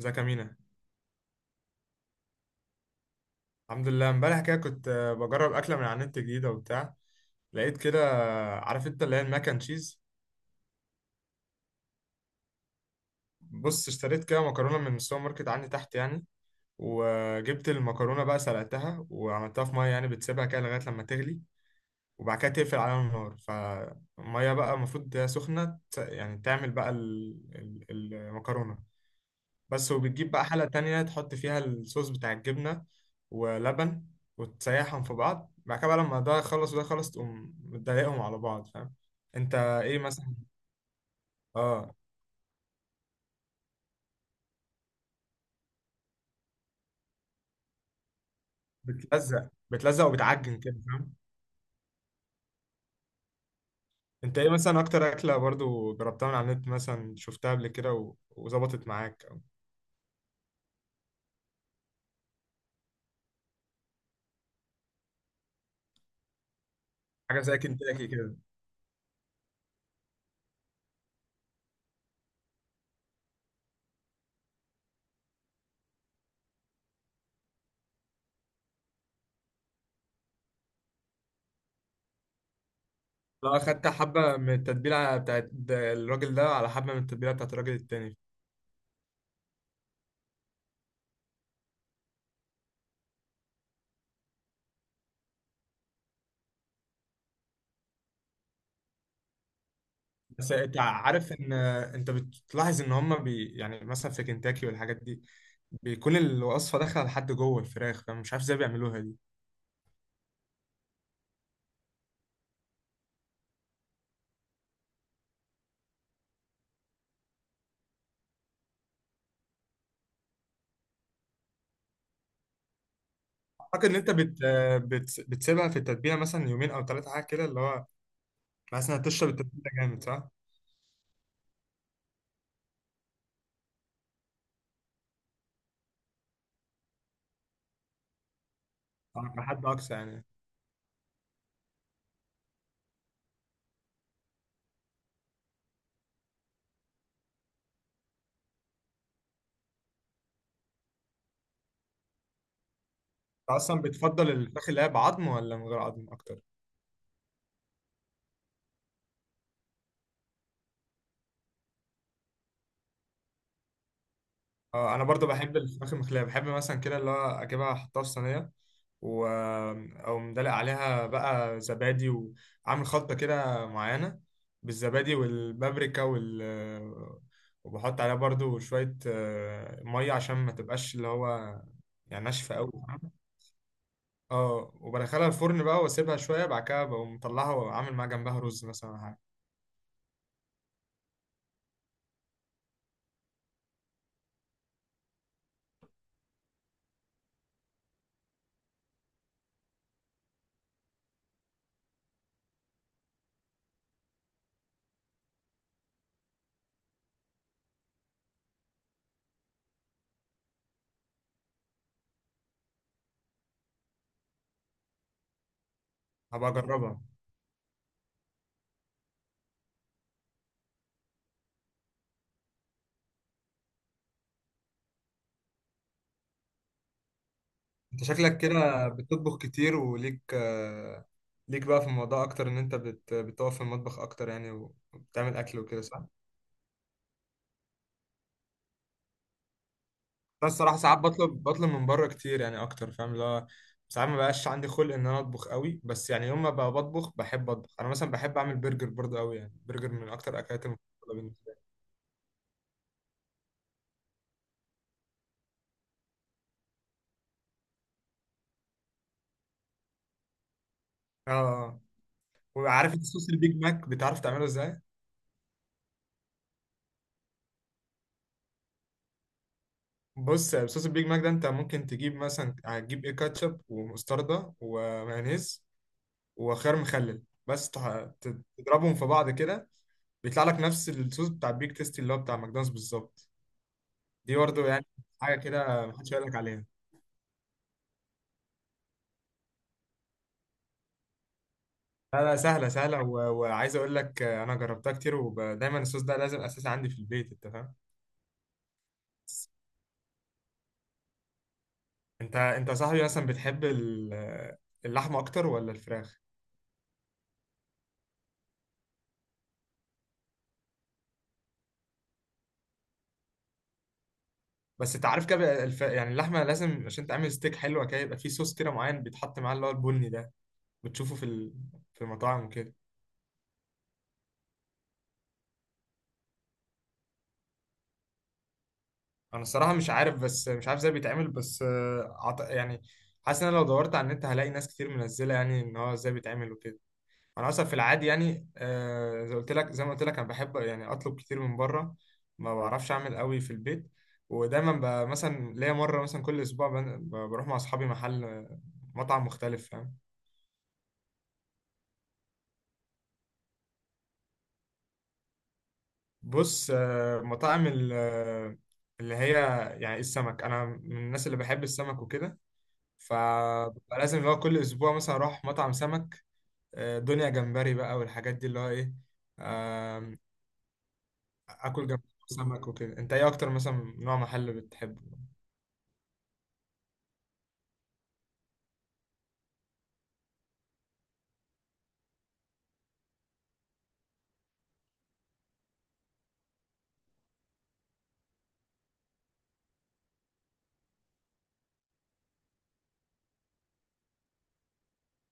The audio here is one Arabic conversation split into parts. ازيك يا مينا؟ الحمد لله. امبارح كده كنت بجرب اكله من على النت جديده وبتاع. لقيت كده عارف انت اللي هي الماك اند تشيز. بص، اشتريت كده مكرونه من السوبر ماركت عندي تحت يعني. وجبت المكرونه بقى، سلقتها وعملتها في ميه، يعني بتسيبها كده لغايه لما تغلي. وبعد كده تقفل عليها النار. فالميه بقى المفروض سخنه، يعني تعمل بقى المكرونه. بس، وبتجيب بقى حلة تانية تحط فيها الصوص بتاع الجبنة ولبن، وتسيحهم في بعض. بعد كده بقى لما ده يخلص وده يخلص تقوم متضايقهم على بعض، فاهم؟ انت ايه مثلا؟ اه، بتلزق بتلزق وبتعجن كده، فاهم؟ انت ايه مثلا اكتر اكلة برضو جربتها من على النت، مثلا شفتها قبل كده وظبطت معاك او حاجة زي كنتاكي كده؟ لا، اخدت حبة من التتبيلة بتاعت الراجل ده على حبة من التتبيلة بتاعت الراجل التاني. بس انت عارف ان انت بتلاحظ ان هما يعني مثلا في كنتاكي والحاجات دي، بيكون الوصفه داخله لحد جوه الفراخ، فمش عارف ازاي بيعملوها دي. اعتقد ان انت بتسيبها في التتبيله مثلا يومين او ثلاثه حاجه كده اللي هو بحيث انها تشرب التتبيله جامد، صح؟ على حد اقصى يعني انت. اصلا بتفضل الفراخ اللي هي بعظم ولا من غير عظم اكتر؟ اه، انا برضو بحب الفراخ المخليه، بحب مثلا كده اللي هو اجيبها احطها في صينيه و او مدلق عليها بقى زبادي، وعامل خلطه كده معينه، بالزبادي والبابريكا وبحط عليها برضو شويه ميه عشان ما تبقاش اللي هو يعني ناشفه قوي. اه، وبدخلها الفرن بقى واسيبها شويه، بعد كده بقوم مطلعها وعامل معاها جنبها رز مثلا ولا حاجه. هبقى اجربها. انت شكلك كده بتطبخ كتير، وليك آه، ليك بقى في الموضوع اكتر ان انت بتقف في المطبخ اكتر يعني وبتعمل اكل وكده، صح؟ بس الصراحه ساعات بطلب من بره كتير يعني اكتر، فاهم؟ اللي هو ساعات ما بقاش عندي خلق ان انا اطبخ قوي، بس يعني يوم ما بقى بطبخ بحب اطبخ، انا مثلا بحب اعمل برجر برضه قوي، يعني برجر من اكتر اكلات المفضله بالنسبه لي. اه. آه. آه. وعارف انت صوص البيج ماك بتعرف تعمله ازاي؟ بص، صوص البيج ماك ده انت ممكن تجيب مثلا، هتجيب ايه؟ كاتشب ومستردة ومايونيز وخيار مخلل، بس تضربهم في بعض كده. بيطلع لك نفس الصوص بتاع البيك تيستي اللي هو بتاع ماكدونالدز بالظبط. دي برضه يعني حاجه كده محدش يقول لك عليها. لا، لا، سهله سهله وعايز اقول لك انا جربتها كتير ودايما الصوص ده لازم اساسي عندي في البيت، انت فاهم؟ انت يا صاحبي مثلا بتحب اللحمه اكتر ولا الفراخ؟ بس انت عارف كده بقى يعني اللحمه لازم عشان تعمل ستيك حلوه كده يبقى فيه صوص كده معين بيتحط معاه اللي هو البني ده، بتشوفه في المطاعم وكده. انا الصراحه مش عارف، بس مش عارف ازاي بيتعمل، بس يعني حاسس ان انا لو دورت على النت هلاقي ناس كتير منزله، يعني ان هو ازاي بيتعمل وكده. انا اصلا في العادي يعني زي ما قلت لك انا بحب يعني اطلب كتير من بره، ما بعرفش اعمل قوي في البيت. ودايما مثلا ليا مره، مثلا كل اسبوع بروح مع اصحابي مطعم مختلف، فاهم؟ بص، مطاعم اللي هي يعني السمك، انا من الناس اللي بحب السمك وكده، فببقى لازم اللي هو كل اسبوع مثلا اروح مطعم سمك. دنيا جمبري بقى والحاجات دي اللي هو ايه، آم، اكل جمبري وسمك وكده. انت ايه اكتر مثلا نوع محل بتحبه؟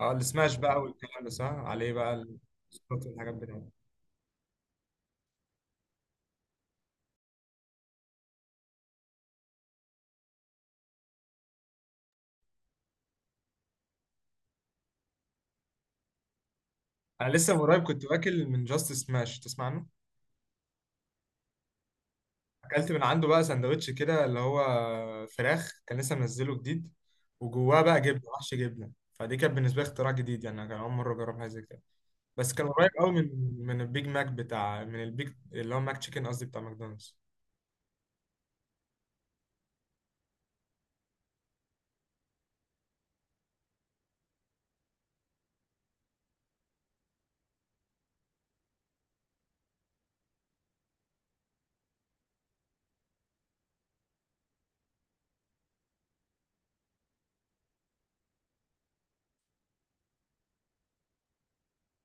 اه، السماش بقى والكلام ده صح عليه بقى، الصوصات والحاجات بتاعته. انا لسه من قريب كنت واكل من جاست سماش، تسمع عنه؟ اكلت من عنده بقى سندوتش كده اللي هو فراخ، كان لسه منزله جديد، وجواه بقى جبنه وحش جبنه، فدي كانت بالنسبه لي اختراع جديد، يعني انا كان اول مره اجرب حاجه زي كده. بس كان قريب قوي من البيج ماك بتاع، من البيج اللي هو ماك تشيكن، قصدي بتاع ماكدونالدز.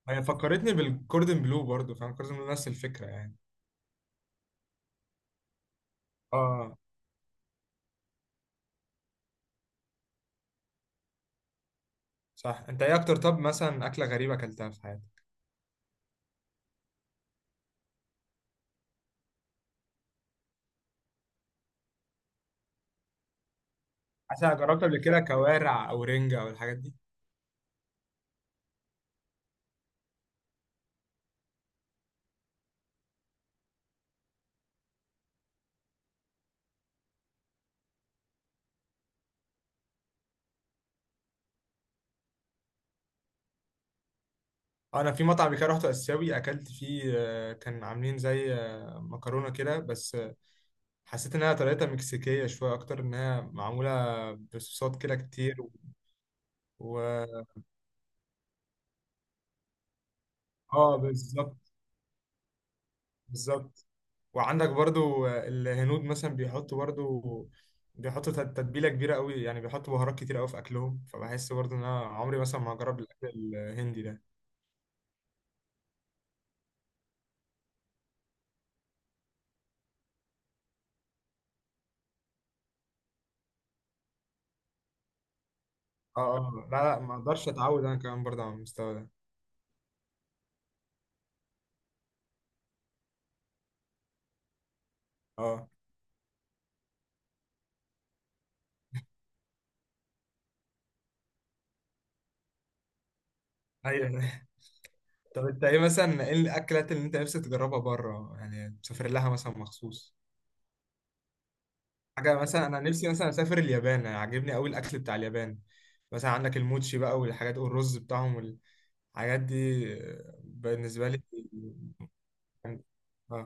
هي فكرتني بالكوردن بلو برضو، فاهم كوردن بلو؟ نفس الفكره يعني. اه، صح. انت ايه اكتر، طب مثلا اكله غريبه اكلتها في حياتك؟ مثلا جربت قبل كده كوارع او رنجه او الحاجات دي؟ انا في مطعم كده رحت اسيوي اكلت فيه، كان عاملين زي مكرونه كده، بس حسيت انها طريقتها مكسيكيه شويه، اكتر انها معموله بصوصات كده كتير و... اه، بالظبط، بالظبط. وعندك برضو الهنود مثلا بيحطوا تتبيلة كبيرة قوي، يعني بيحطوا بهارات كتير قوي في أكلهم، فبحس برضو إن أنا عمري مثلا ما هجرب الأكل الهندي ده. اه، لا، لا، ما أقدرش أتعود أنا كمان برضو على المستوى ده. اه، أيوه. طب أنت إيه الأكلات اللي أنت نفسك تجربها بره، يعني تسافر لها مثلا مخصوص؟ حاجة مثلا، أنا نفسي مثلا أسافر اليابان، يعني عاجبني قوي الأكل بتاع اليابان، مثلا عندك الموتشي بقى والحاجات والرز بتاعهم والحاجات دي بالنسبة لي. اه،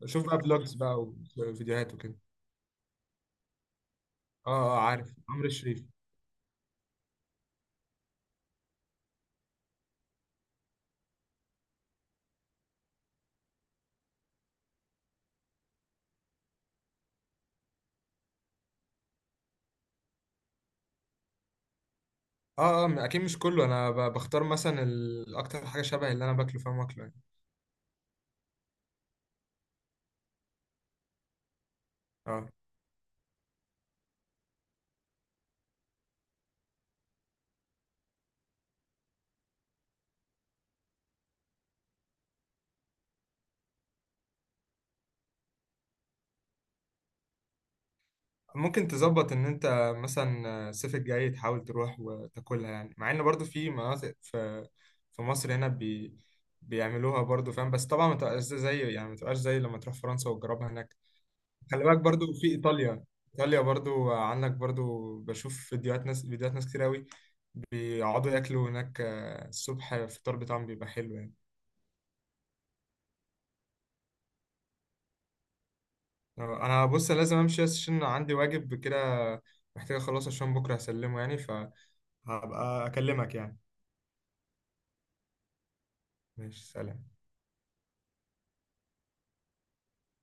بشوف بقى فلوجز بقى وفيديوهات وكده. اه، اه، عارف عمرو الشريف. اه، اه، اكيد مش كله، انا بختار مثلا اكتر حاجه شبه اللي انا باكله، فاهم؟ واكله يعني. اه، ممكن تظبط ان انت مثلا الصيف الجاي تحاول تروح وتاكلها، يعني مع ان برضو في مناطق في مصر هنا بيعملوها برضو، فاهم؟ بس طبعا ما تبقاش زي لما تروح فرنسا وتجربها هناك. خلي بالك برضو في ايطاليا. ايطاليا برضو، عندك برضو بشوف فيديوهات ناس كتير قوي بيقعدوا ياكلوا هناك، الصبح الفطار بتاعهم بيبقى حلو يعني. انا بص، لازم امشي بس عشان عندي واجب كده، محتاج اخلصه عشان بكره هسلمه يعني، فهبقى اكلمك يعني. ماشي، سلام.